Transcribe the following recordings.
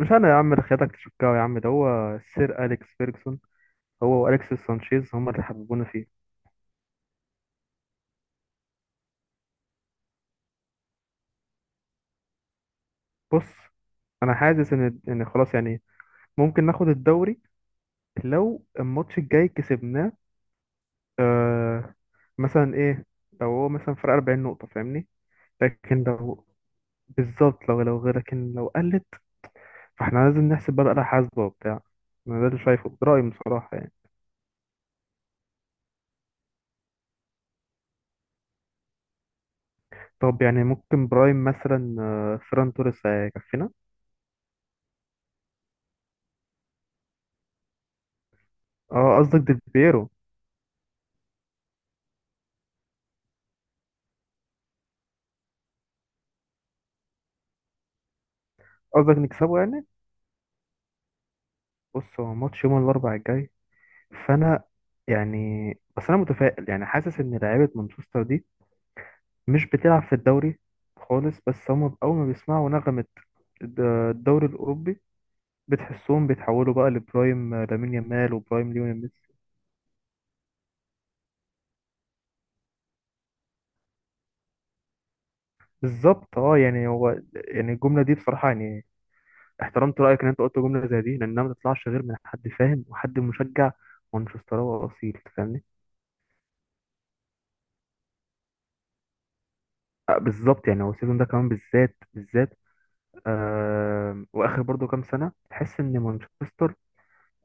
مش انا يا عم اللي خياتك تشكاو، يا عم ده هو السير اليكس فيرجسون. هو واليكسيس سانشيز هما اللي حببونا فيه. بص، انا حاسس ان خلاص يعني ممكن ناخد الدوري لو الماتش الجاي كسبناه. آه مثلا ايه؟ لو هو مثلا فرق 40 نقطة، فاهمني؟ لكن لو بالظبط، لو غير، لكن لو قلت فاحنا لازم نحسب بقى حاسبة وبتاع. انا ده اللي شايفه، ده رأيي بصراحة يعني. طب يعني ممكن برايم مثلا، فيران توريس هيكفينا. اه، قصدك ديل بيرو. قصدك نكسبه يعني. بص، هو ماتش يوم الاربعاء الجاي، فانا يعني، بس انا متفائل يعني، حاسس ان لعيبه مانشستر دي مش بتلعب في الدوري خالص، بس هم اول ما بيسمعوا نغمه الد- الدوري الاوروبي بتحسهم بيتحولوا بقى لبرايم لامين يامال وبرايم ليونيل ميسي. بالظبط، اه يعني هو، يعني الجمله دي بصراحه يعني احترمت رايك ان انت قلت جمله زي دي، لانها ما تطلعش غير من حد فاهم وحد مشجع مانشستراوي اصيل، تفهمني؟ آه، بالظبط، يعني هو السيزون ده كمان بالذات بالذات. واخر برضو كام سنه تحس ان مانشستر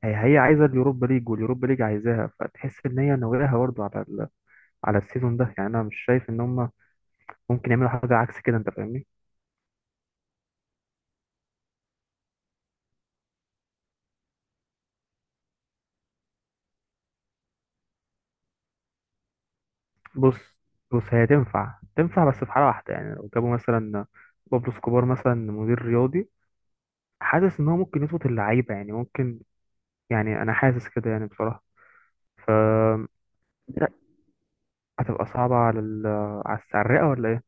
هي عايزه اليوروبا ليج واليوروبا ليج عايزاها، فتحس ان هي ناويها برضو على السيزون ده. يعني انا مش شايف ان هم ممكن يعملوا حاجه عكس كده، انت فاهمني؟ بص بص، هي تنفع تنفع بس في حاله واحده، يعني لو جابوا مثلا بابلو سكوبار مثلا مدير رياضي، حاسس ان هو ممكن يظبط اللعيبه، يعني ممكن، يعني انا حاسس كده يعني بصراحه. ف هتبقى صعبه على السعرقه ولا ايه.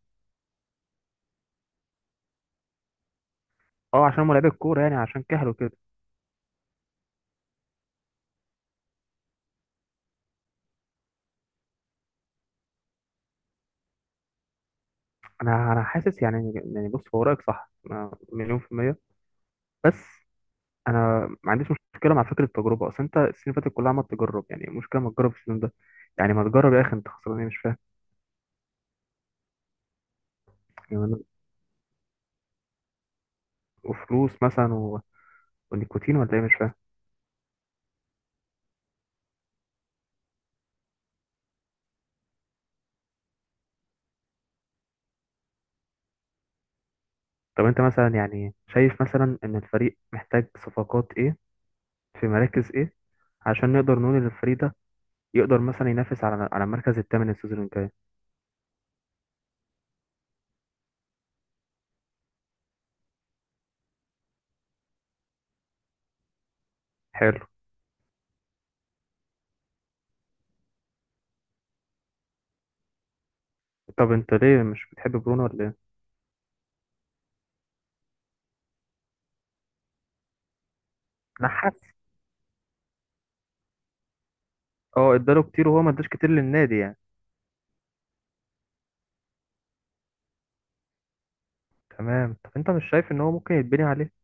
اه، عشان هم لعيبه الكوره، يعني عشان كهلوا كده. انا حاسس يعني بص، هو رايك صح، أنا مليون في المية. بس انا ما عنديش مشكلة مع فكرة التجربة، اصل انت السنين اللي فاتت كلها عمال تجرب، يعني مشكلة ما تجرب السنين ده، يعني ما تجرب يا اخي، انت خسران ايه؟ مش فاهم. يعني وفلوس مثلا ونيكوتين ولا ايه؟ مش فاهم. طب انت مثلا يعني شايف مثلا ان الفريق محتاج صفقات ايه؟ في مراكز ايه؟ عشان نقدر نقول ان الفريق ده يقدر مثلا ينافس على المركز الثامن السيزون الجاي. حلو. طب انت ليه مش بتحب برونو ولا ايه؟ انا حاسس. اه، اداله كتير وهو ما اداش كتير للنادي يعني. تمام، طب انت مش شايف ان هو ممكن يتبني عليه؟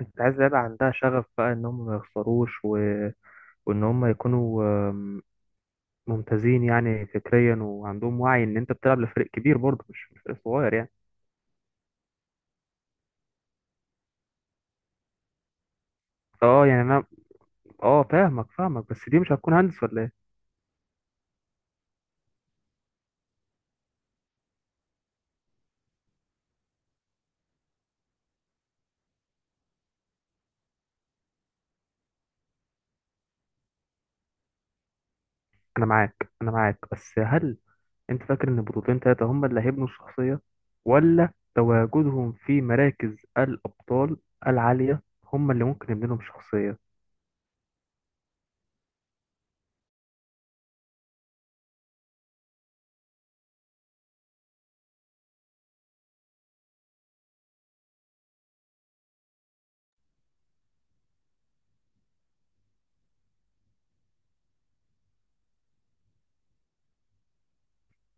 انت عايز لعيبه عندها شغف بقى ان هم ما يخسروش، وان هم يكونوا آم، ممتازين يعني فكريا، وعندهم وعي ان انت بتلعب لفريق كبير برضه، مش فريق صغير يعني. اه يعني انا، اه، فاهمك فاهمك بس دي مش هتكون هندس ولا ايه؟ انا معاك انا معاك، بس هل انت فاكر ان بطولتين تلاتة هم اللي هيبنوا الشخصيه، ولا تواجدهم في مراكز الابطال العاليه هم اللي ممكن يبنوا لهم شخصيه؟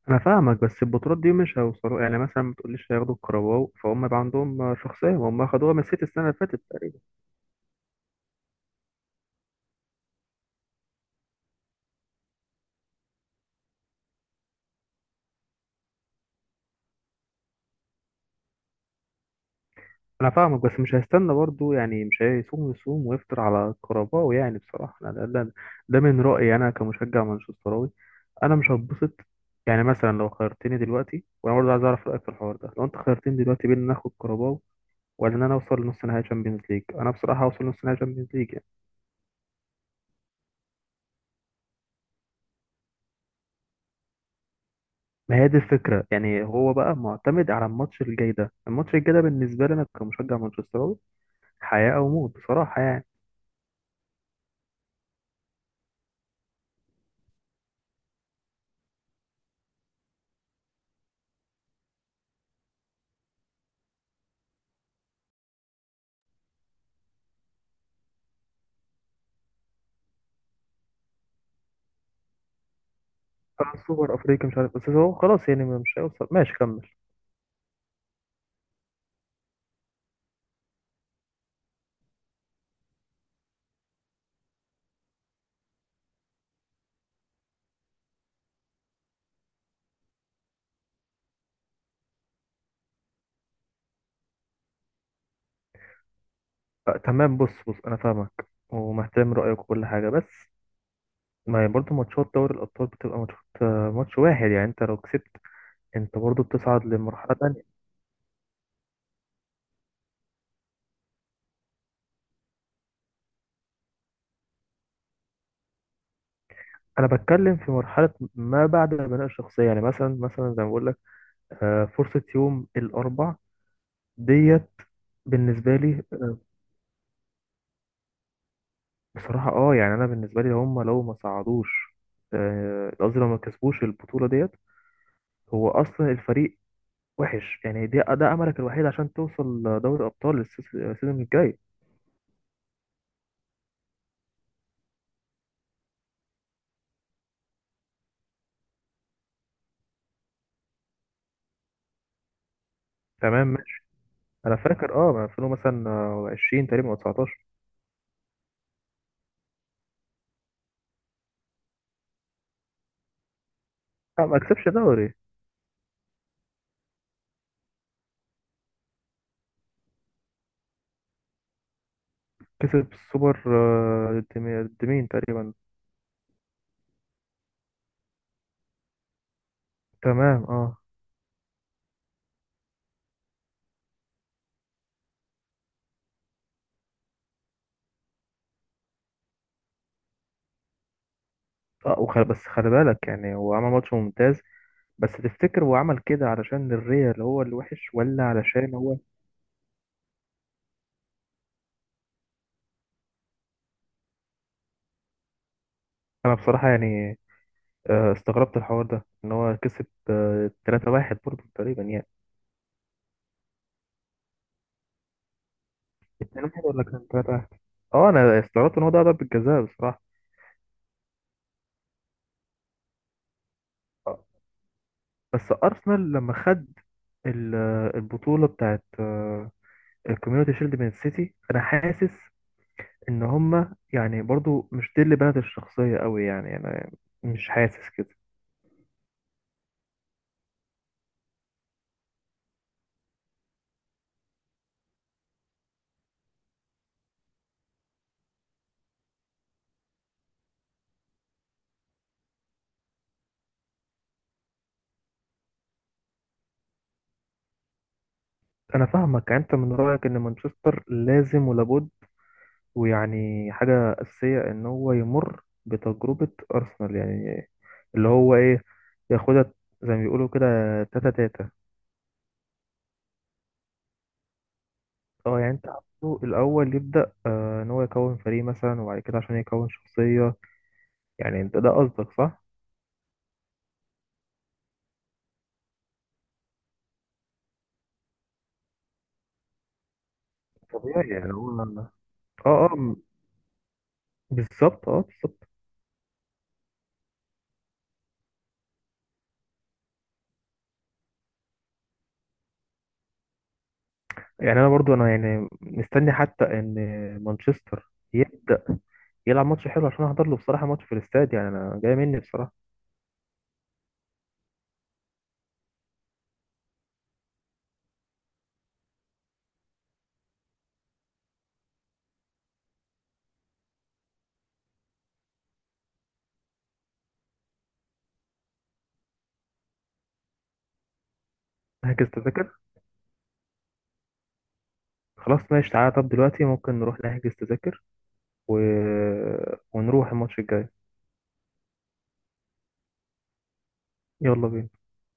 انا فاهمك، بس البطولات دي مش هيوصلوا يعني، مثلا ما تقوليش هياخدوا الكرباو فهم يبقى عندهم شخصيه، هم خدوها من السيتي السنه اللي فاتت تقريبا. انا فاهمك بس مش هيستنى برضو، يعني مش هيصوم يصوم ويفطر على الكرباو، يعني بصراحه أنا ده من رايي انا كمشجع مانشستراوي. انا مش هتبسط، يعني مثلا لو خيرتني دلوقتي، وانا برضو عايز اعرف رايك في الحوار ده، لو انت خيرتني دلوقتي بين ان اخد كرباو ولا ان انا اوصل لنص نهائي تشامبيونز ليج، انا بصراحه هوصل لنص نهائي تشامبيونز ليج. ما هي دي الفكرة، يعني هو بقى معتمد على الماتش الجاي ده. الماتش الجاي ده بالنسبة لي أنا كمشجع مانشستراوي حياة أو موت بصراحة يعني. آه، سوبر أفريقيا، مش عارف، بس هو خلاص يعني مش هيوصل، ماشي كمل. آه، تمام، بص بص، أنا فاهمك ومحترم رأيك وكل حاجة، بس ما هي برضه ماتشات دوري الأبطال بتبقى ماتشات، ماتش واحد، يعني أنت لو كسبت أنت برضه بتصعد لمرحلة تانية. أنا بتكلم في مرحلة ما بعد البناء الشخصية، يعني مثلا زي ما بقول لك، فرصة يوم الأربع ديت بالنسبة لي. بصراحة اه يعني انا بالنسبة لي هم لو ما صعدوش، آه، قصدي لو ما كسبوش البطولة ديت، هو اصلا الفريق وحش يعني، ده املك الوحيد عشان توصل دوري ابطال السيزون الجاي. تمام، ماشي. انا فاكر اه ما 2000 مثلا، 20 تقريبا او 19. لا ما كسبش دوري. كسب السوبر. آه، ضد ضد مين تقريبا؟ تمام اه. اه بس خلي بالك، يعني هو عمل ماتش ممتاز، بس تفتكر هو عمل كده علشان الريال هو اللي وحش ولا علشان هو. انا بصراحة يعني، استغربت الحوار ده ان هو كسب، 3-1 برضه تقريبا يعني. 2-1 ولا كان 3-1؟ اه انا استغربت ان هو ده ضربة جزاء بصراحة. آه، بس ارسنال لما خد البطولة بتاعت الكوميونتي شيلد من السيتي، انا حاسس ان هما يعني برضه مش دي اللي بنت الشخصية قوي، يعني انا مش حاسس كده. انا فاهمك، يعني انت من رأيك ان مانشستر لازم ولابد ويعني حاجة أساسية ان هو يمر بتجربة أرسنال، يعني اللي هو ايه، ياخدها زي ما بيقولوا كده، تاتا تاتا. اه، يعني انت عاوزه الاول يبدأ، ان هو يكون فريق مثلا، وبعد كده عشان يكون شخصية، يعني انت ده قصدك صح؟ طبيعي، يعني هو اه. اه م- بالظبط، اه، بالظبط. يعني انا برضو انا يعني مستني حتى ان مانشستر يبدأ يلعب ماتش حلو عشان احضر له بصراحة، ماتش في الاستاد، يعني انا جاي مني بصراحة. هحجز تذاكر. خلاص ماشي، تعالى، طب دلوقتي ممكن نروح نحجز تذاكر و... ونروح الماتش الجاي. يلا بينا.